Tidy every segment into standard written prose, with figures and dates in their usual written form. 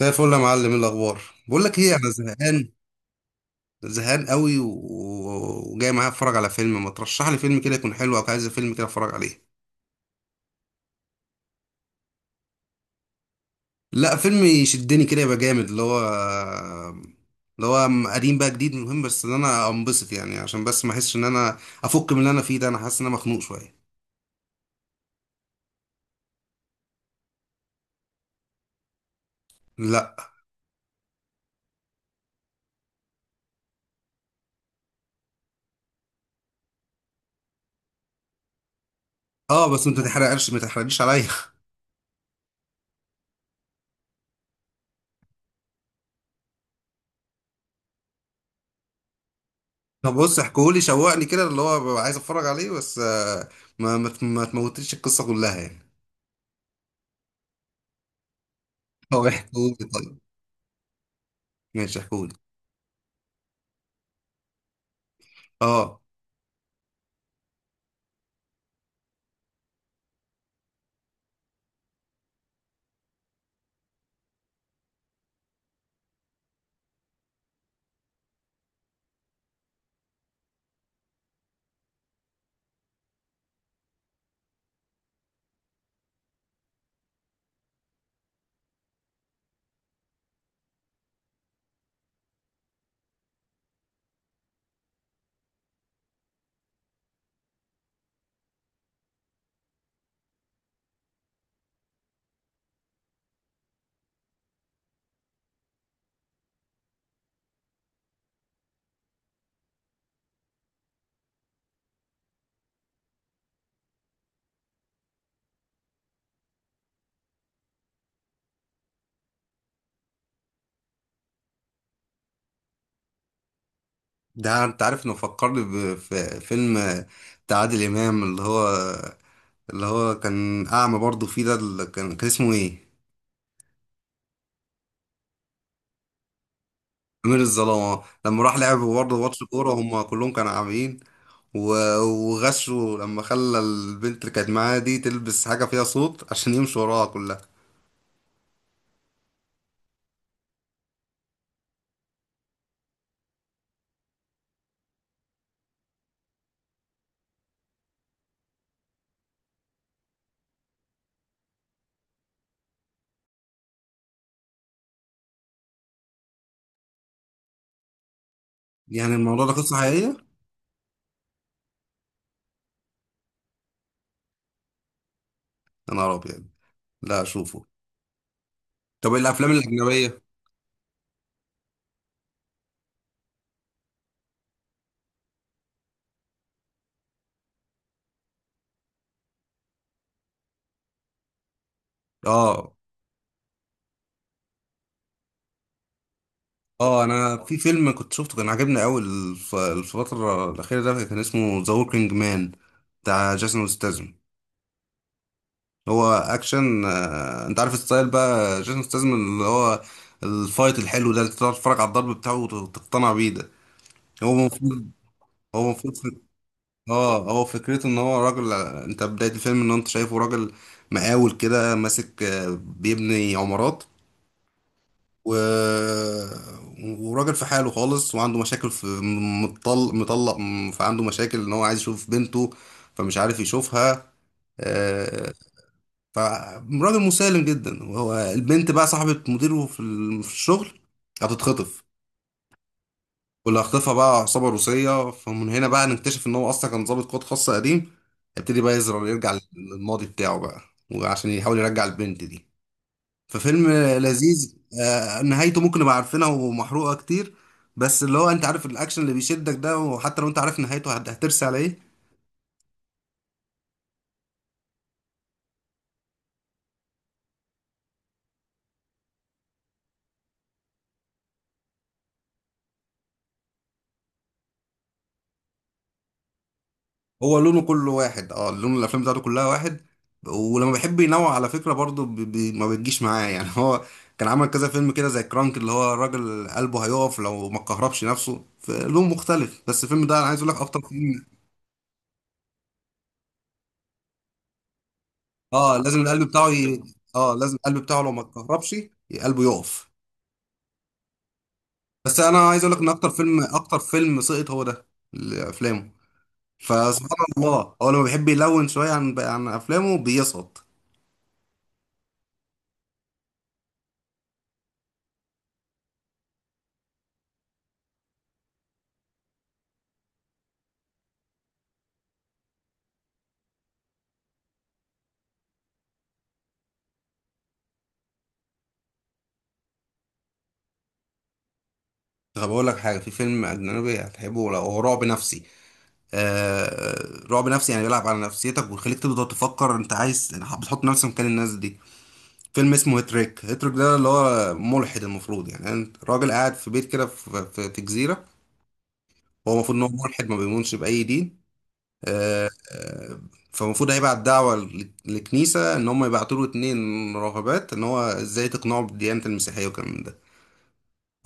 زي الفل يا معلم، إيه الاخبار؟ بقول لك ايه، انا زهقان. زهقان قوي وجاي معايا اتفرج على فيلم، ما ترشح لي فيلم كده يكون حلو، او عايز فيلم كده اتفرج عليه؟ لا، فيلم يشدني كده يبقى جامد، اللي هو قديم بقى جديد، مهم بس ان انا انبسط يعني، عشان بس ما احسش ان انا افك من اللي انا فيه ده. انا حاسس ان انا مخنوق شويه. لا. اه، بس انت تحرقش، ما تحرقليش عليا. طب بص، احكولي، شوقني كده اللي هو ببقى عايز اتفرج عليه، بس ما تموتليش القصه كلها يعني. هو احكولي، طيب ماشي احكولي. اه، ده انت عارف انه فكرني بفيلم بتاع عادل امام، اللي هو كان اعمى برضه فيه ده، اللي كان اسمه ايه؟ امير الظلام، آه. لما راح لعب برضه ماتش كوره، هم كلهم كانوا عاميين، وغشوا لما خلى البنت اللي كانت معاه دي تلبس حاجه فيها صوت عشان يمشوا وراها كلها. يعني الموضوع ده قصه حقيقيه؟ يا نهار ابيض! لا، اشوفه. طب الافلام الاجنبيه؟ اه اه، انا في فيلم كنت شفته كان عجبني قوي، الفتره الاخيره، ده كان اسمه ذا وركينج مان، بتاع جيسون ستاثام. هو اكشن، انت عارف الستايل بقى، جيسون ستاثام اللي هو الفايت الحلو ده، اللي تقعد تتفرج على الضرب بتاعه وتقتنع بيه ده. هو المفروض. هو المفروض اه، هو فكرته ان هو راجل، انت بدايه الفيلم ان انت شايفه راجل مقاول كده، ماسك، بيبني عمارات و... وراجل في حاله خالص، وعنده مشاكل في مطلق مطلق. فعنده مشاكل ان هو عايز يشوف بنته، فمش عارف يشوفها. آه، فراجل مسالم جدا، وهو البنت بقى صاحبة مديره في الشغل. هتتخطف. واللي هخطفها بقى عصابة روسية، فمن هنا بقى نكتشف ان هو اصلا كان ضابط قوات خاصة قديم. هيبتدي بقى يزرع، يرجع للماضي بتاعه بقى، وعشان يحاول يرجع البنت دي. ففيلم لذيذ. نهايته ممكن نبقى عارفينها ومحروقة كتير، بس اللي هو، انت عارف، الاكشن اللي بيشدك ده، وحتى لو انت عارف نهايته هترسي على ايه. هو لونه كله واحد، اه، لون الافلام بتاعته كلها واحد. ولما بيحب ينوع على فكرة برضه، بي ما بتجيش معاه يعني. هو كان عمل كذا فيلم كده زي كرانك، اللي هو الراجل قلبه هيقف لو ما كهربش نفسه، في لون مختلف، بس الفيلم ده انا عايز اقول لك اكتر فيلم. اه، لازم القلب بتاعه اه، لازم القلب بتاعه لو ما اتكهربش، قلبه يقف. بس انا عايز اقول لك ان اكتر فيلم سقط هو ده، لافلامه. فسبحان الله، هو لما بيحب يلون شويه عن افلامه بيسقط. طب اقول لك حاجه، في فيلم اجنبي هتحبه لو هو رعب نفسي. آه، رعب نفسي، يعني بيلعب على نفسيتك، ويخليك تبدا تفكر انت عايز، بتحط نفسك مكان الناس دي. فيلم اسمه هيتريك، هيتريك ده اللي هو ملحد، المفروض يعني انت راجل قاعد في بيت كده في جزيره. هو المفروض ان هو ملحد، ما بيؤمنش باي دين. فالمفروض هيبعت دعوة للكنيسة، إن هم يبعتوا له 2 راهبات، إن هو إزاي تقنعوا بالديانة المسيحية والكلام من ده.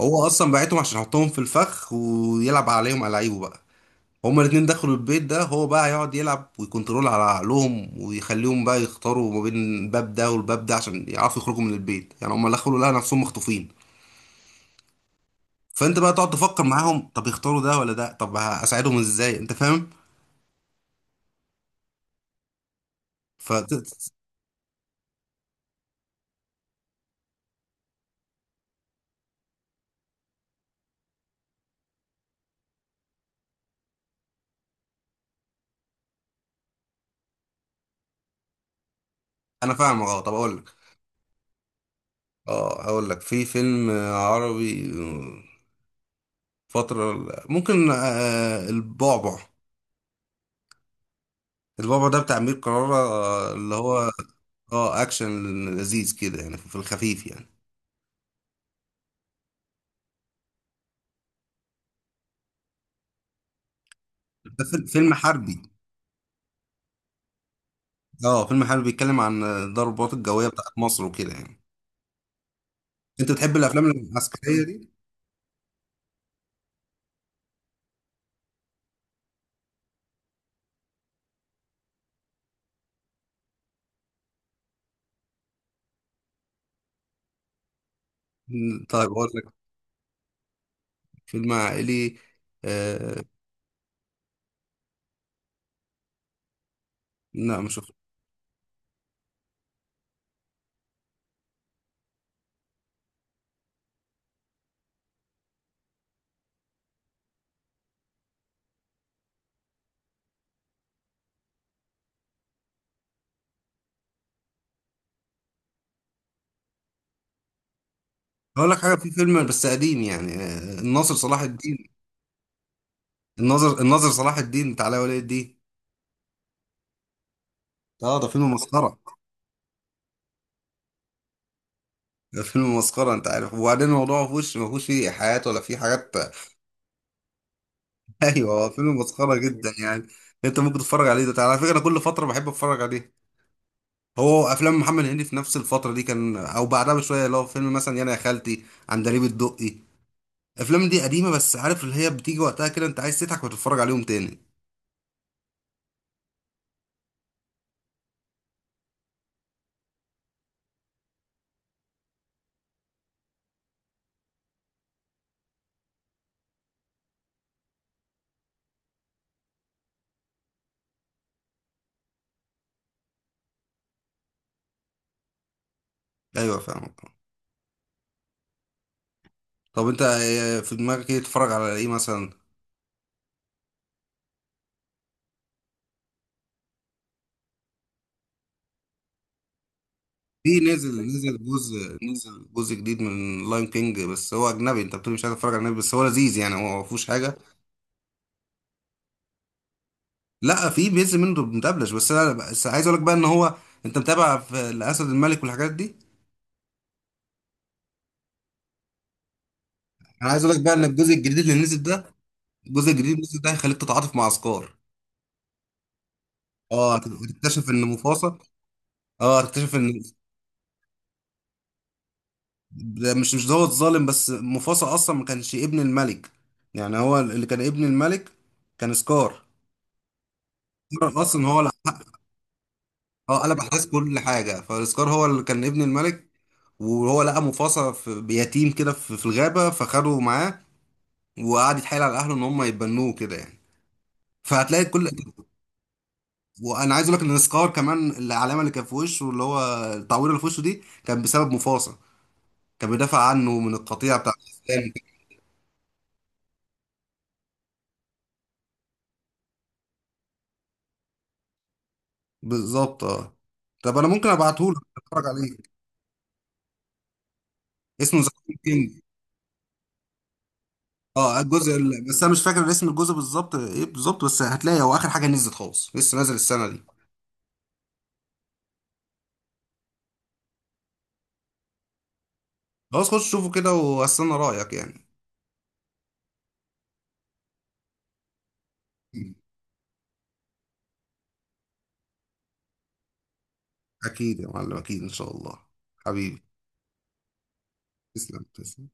هو أصلا بعتهم عشان يحطهم في الفخ، ويلعب عليهم ألاعيبه بقى. هما الاتنين دخلوا البيت ده، هو بقى هيقعد يلعب ويكنترول على عقلهم، ويخليهم بقى يختاروا ما بين الباب ده والباب ده عشان يعرفوا يخرجوا من البيت، يعني هما دخلوا لقوا نفسهم مخطوفين. فانت بقى تقعد تفكر معاهم، طب يختاروا ده ولا ده، طب هساعدهم ازاي، انت فاهم. ف انا فاهم، اه، طب اقول لك. اه، اقول لك في فيلم عربي فترة، ممكن، البعبع. البعبع ده بتاع أمير كرارة، اللي هو، اه، اكشن لذيذ كده يعني، في الخفيف يعني. ده فيلم حربي؟ اه، فيلم حربي بيتكلم عن الضربات الجوية بتاعت مصر وكده يعني. انت بتحب الافلام العسكرية دي؟ طيب اقول لك فيلم عائلي، آه. لا، مش شفته. اقول لك حاجة، في فيلم بس قديم يعني، الناصر صلاح الدين. الناظر صلاح الدين بتاع علاء ولي الدين. اه، ده فيلم مسخره. ده فيلم مسخره، انت عارف، وبعدين الموضوع ما فيهوش فيه حياة ولا فيه حاجات. ايوه، هو فيلم مسخره جدا يعني. انت ممكن تتفرج عليه ده، على فكره انا كل فتره بحب اتفرج عليه. هو افلام محمد هنيدي في نفس الفتره دي كان، او بعدها بشويه، اللي هو فيلم مثلا يانا يا خالتي، عندليب الدقي. الافلام دي قديمه، بس عارف اللي هي بتيجي وقتها كده، انت عايز تضحك وتتفرج عليهم تاني. ايوه، فاهمك. طب انت، في دماغك ايه تتفرج على ايه مثلا؟ في نزل جزء جديد من لاين كينج، بس هو اجنبي، انت بتقول مش عايز اتفرج على اجنبي، بس هو لذيذ يعني، هو ما فيهوش حاجه. لا، في بينزل منه مدبلج، بس انا بس عايز اقول لك بقى ان هو، انت متابع في الاسد الملك والحاجات دي؟ انا عايز اقول لك بقى ان الجزء الجديد اللي نزل ده، الجزء الجديد اللي نزل ده هيخليك تتعاطف مع عسكر. اه، هتكتشف ان مفاصة، اه، هتكتشف ان ده مش دوت ظالم، بس مفاصة اصلا ما كانش ابن الملك. يعني هو اللي كان ابن الملك، كان سكار. اصلا هو، اه، قلب احداث كل حاجه، فالسكار هو اللي كان ابن الملك. وهو لقى مفاصة في بيتيم كده في الغابه، فخده معاه، وقعد يتحايل على اهله ان هم يتبنوه كده يعني. فهتلاقي كل. وانا عايز اقول لك ان سكار كمان، العلامه اللي كان في وشه، اللي هو التعويره اللي في وشه دي كان بسبب مفاصة. كان بيدافع عنه من القطيع بتاع الاسلام. بالظبط، اه. طب انا ممكن ابعته لك اتفرج عليه. اسمه ذا كينج. اه، الجزء بس انا مش فاكر اسم الجزء بالظبط ايه بالظبط، بس هتلاقي هو اخر حاجه نزلت خالص، لسه نازل السنه دي. خلاص، خش شوفه كده واستنى رأيك يعني. اكيد يا معلم، اكيد ان شاء الله. حبيبي. تسلم، تسلم.